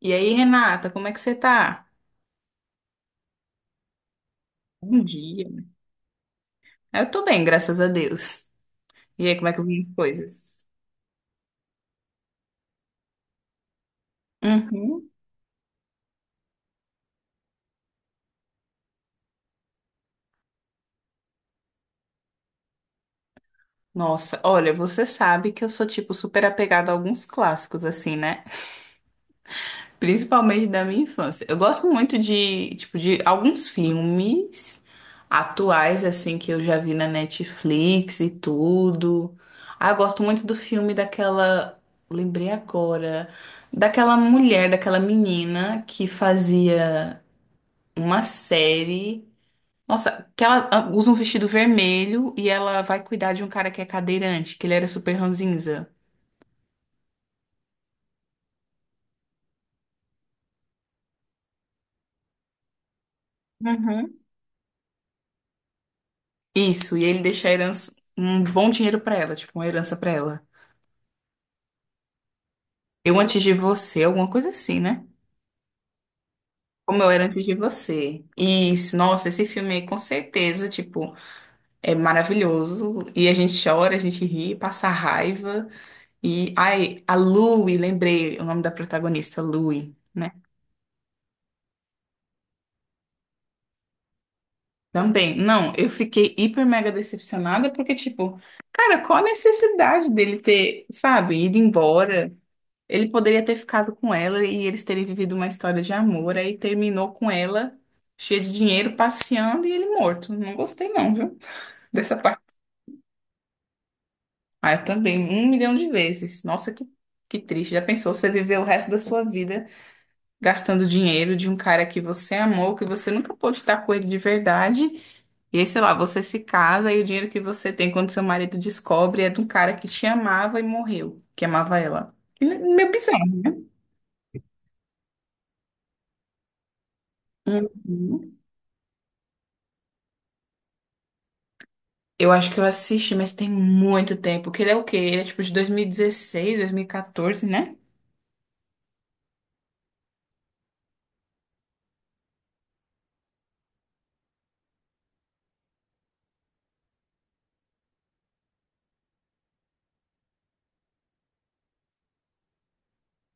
E aí, Renata, como é que você tá? Bom dia. Eu tô bem, graças a Deus. E aí, como é que vão as coisas? Uhum. Nossa, olha, você sabe que eu sou, tipo, super apegada a alguns clássicos, assim, né? Principalmente da minha infância. Eu gosto muito de, tipo, de alguns filmes atuais, assim, que eu já vi na Netflix e tudo. Ah, eu gosto muito do filme daquela. Lembrei agora. Daquela mulher, daquela menina que fazia uma série. Nossa, que ela usa um vestido vermelho e ela vai cuidar de um cara que é cadeirante, que ele era super ranzinza. Uhum. Isso, e ele deixa a herança, um bom dinheiro pra ela, tipo, uma herança pra ela. Eu antes de você, alguma coisa assim, né? Como Eu Era Antes de Você. Isso, nossa, esse filme aí, com certeza, tipo, é maravilhoso. E a gente chora, a gente ri, passa raiva. E, ai, a Louie, lembrei o nome da protagonista, Louie, né? Também, não, eu fiquei hiper mega decepcionada porque, tipo, cara, qual a necessidade dele ter, sabe, ido embora? Ele poderia ter ficado com ela e eles terem vivido uma história de amor, aí terminou com ela, cheia de dinheiro, passeando e ele morto. Não gostei, não, viu? Dessa parte. Ah, eu também, um milhão de vezes. Nossa, que triste. Já pensou você viver o resto da sua vida? Gastando dinheiro de um cara que você amou, que você nunca pôde estar com ele de verdade. E aí, sei lá, você se casa e o dinheiro que você tem quando seu marido descobre é de um cara que te amava e morreu, que amava ela. Meio bizarro. Uhum. Eu acho que eu assisti, mas tem muito tempo. Que ele é o quê? Ele é tipo de dois mil e dezesseis dois mil e 2014, né?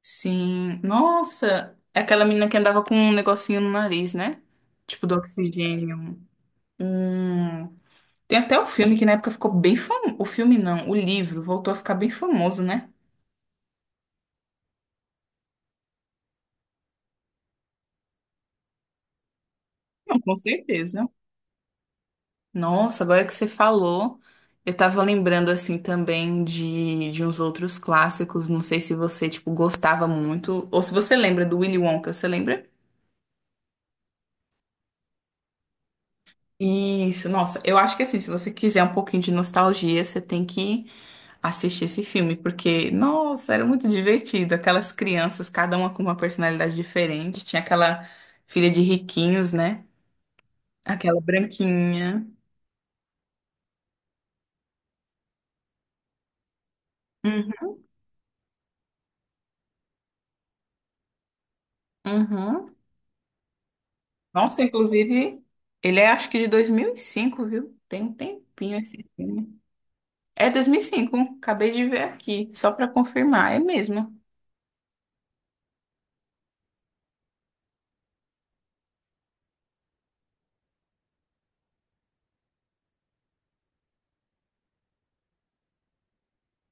Sim. Nossa, é aquela menina que andava com um negocinho no nariz, né? Tipo do oxigênio. Hum. Tem até um filme que na época ficou bem famoso. O filme não, o livro voltou a ficar bem famoso, né? Não, com certeza. Nossa, agora que você falou, eu tava lembrando assim também de uns outros clássicos. Não sei se você, tipo, gostava muito. Ou se você lembra do Willy Wonka, você lembra? Isso, nossa, eu acho que assim, se você quiser um pouquinho de nostalgia, você tem que assistir esse filme, porque, nossa, era muito divertido. Aquelas crianças, cada uma com uma personalidade diferente. Tinha aquela filha de riquinhos, né? Aquela branquinha. Uhum. Uhum. Nossa, inclusive, ele é acho que de dois mil e cinco, viu? Tem um tempinho esse filme. É dois mil e cinco, acabei de ver aqui, só pra confirmar, é mesmo.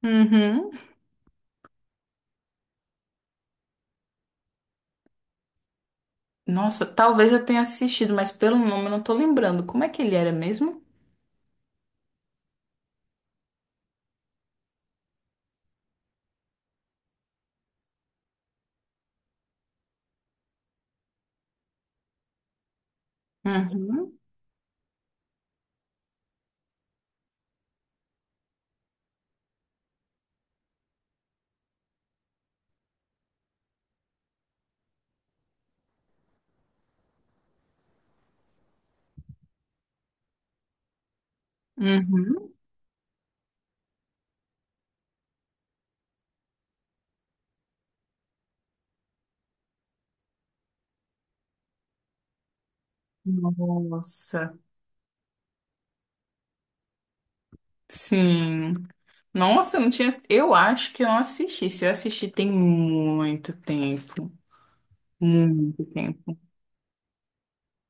Uhum. Nossa, talvez eu tenha assistido, mas pelo nome eu não tô lembrando. Como é que ele era mesmo? Uhum. Uhum. Nossa, sim. Nossa, eu não tinha. Eu acho que eu não assisti. Se eu assisti, tem muito tempo. Muito tempo.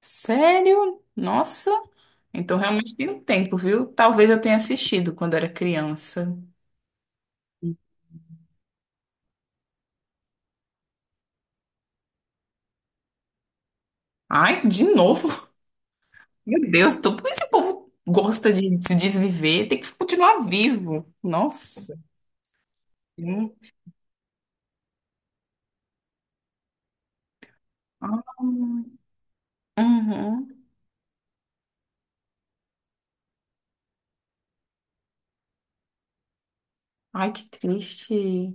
Sério? Nossa. Então realmente tem um tempo, viu? Talvez eu tenha assistido quando era criança. Ai, de novo? Meu Deus, tô, por que esse povo gosta de se desviver? Tem que continuar vivo. Nossa. Hum. Ah, uhum. Ai, que triste.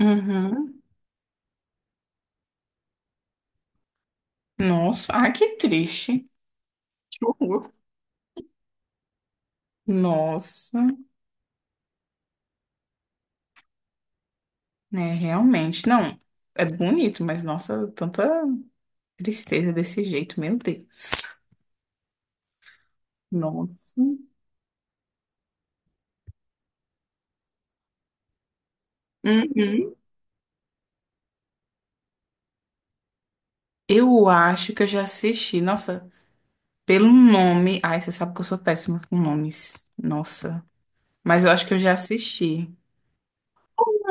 Uhum. Nossa, ai, que triste. Que horror. Nossa, né, realmente. Não, é bonito, mas nossa, tanta tristeza desse jeito, meu Deus. Nossa. Uhum. Eu acho que eu já assisti. Nossa, pelo nome. Ai, você sabe que eu sou péssima com nomes. Nossa. Mas eu acho que eu já assisti.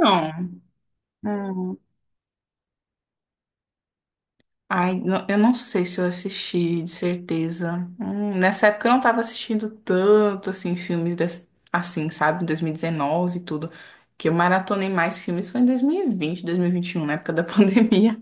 Não. Hum. Ai, eu não sei se eu assisti, de certeza. Nessa época eu não tava assistindo tanto, assim, filmes assim, sabe? Em 2019 e dezenove e tudo. Que eu maratonei mais filmes foi em 2020, 2021, na época da pandemia.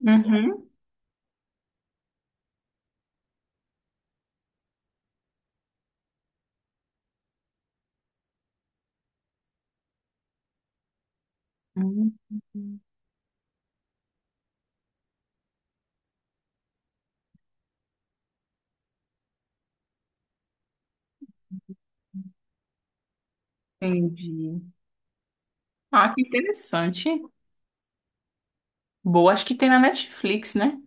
Uhum. Hum. Entendi. Ah, que interessante. Boa, acho que tem na Netflix, né?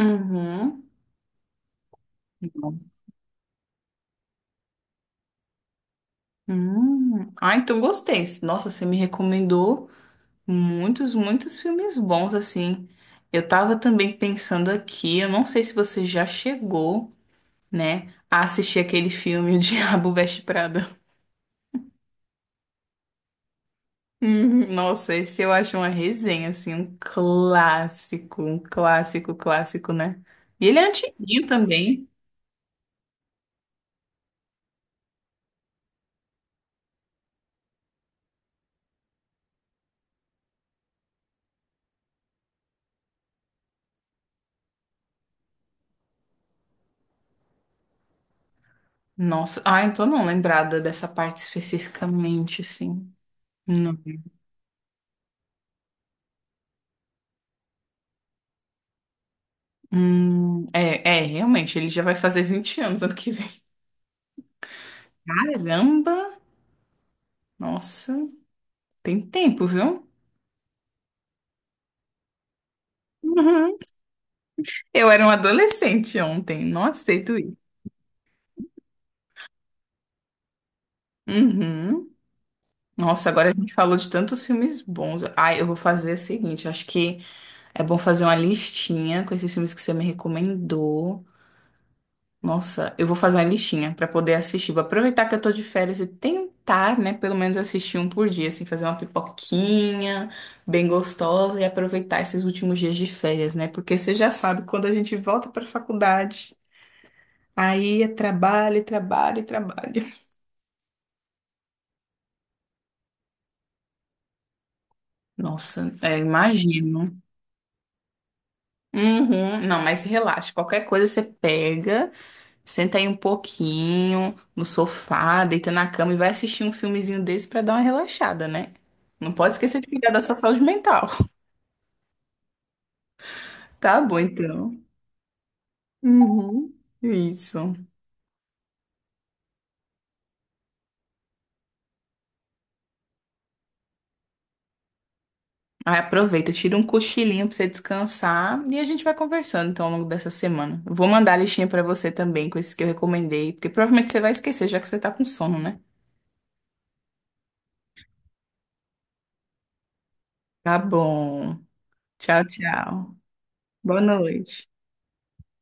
Uhum. Nossa. Hum. Ah, então gostei. Nossa, você me recomendou muitos, muitos filmes bons, assim. Eu tava também pensando aqui, eu não sei se você já chegou, né, a assistir aquele filme O Diabo Veste Prada. Hum. Nossa, esse eu acho uma resenha, assim, um clássico, clássico, né? E ele é antiguinho também. Nossa, ah, então não lembrada dessa parte especificamente, assim. Não. É, realmente, ele já vai fazer 20 anos ano que vem. Caramba! Nossa, tem tempo, viu? Uhum. Eu era um adolescente ontem, não aceito isso. Uhum. Nossa, agora a gente falou de tantos filmes bons. Ah, eu vou fazer o seguinte, eu acho que é bom fazer uma listinha com esses filmes que você me recomendou. Nossa, eu vou fazer uma listinha pra poder assistir. Vou aproveitar que eu tô de férias e tentar, né, pelo menos assistir um por dia, assim, fazer uma pipoquinha bem gostosa e aproveitar esses últimos dias de férias, né? Porque você já sabe, quando a gente volta pra faculdade, aí é trabalho, trabalho, trabalho. Nossa, é, imagino. Uhum. Não, mas relaxa, qualquer coisa você pega. Senta aí um pouquinho no sofá, deita na cama e vai assistir um filmezinho desse pra dar uma relaxada, né? Não pode esquecer de cuidar da sua saúde mental. Tá bom, então. Uhum. Isso. Aí aproveita, tira um cochilinho pra você descansar e a gente vai conversando então ao longo dessa semana. Eu vou mandar a listinha pra você também com esses que eu recomendei, porque provavelmente você vai esquecer já que você tá com sono, né? Tá bom. Tchau, tchau. Boa noite.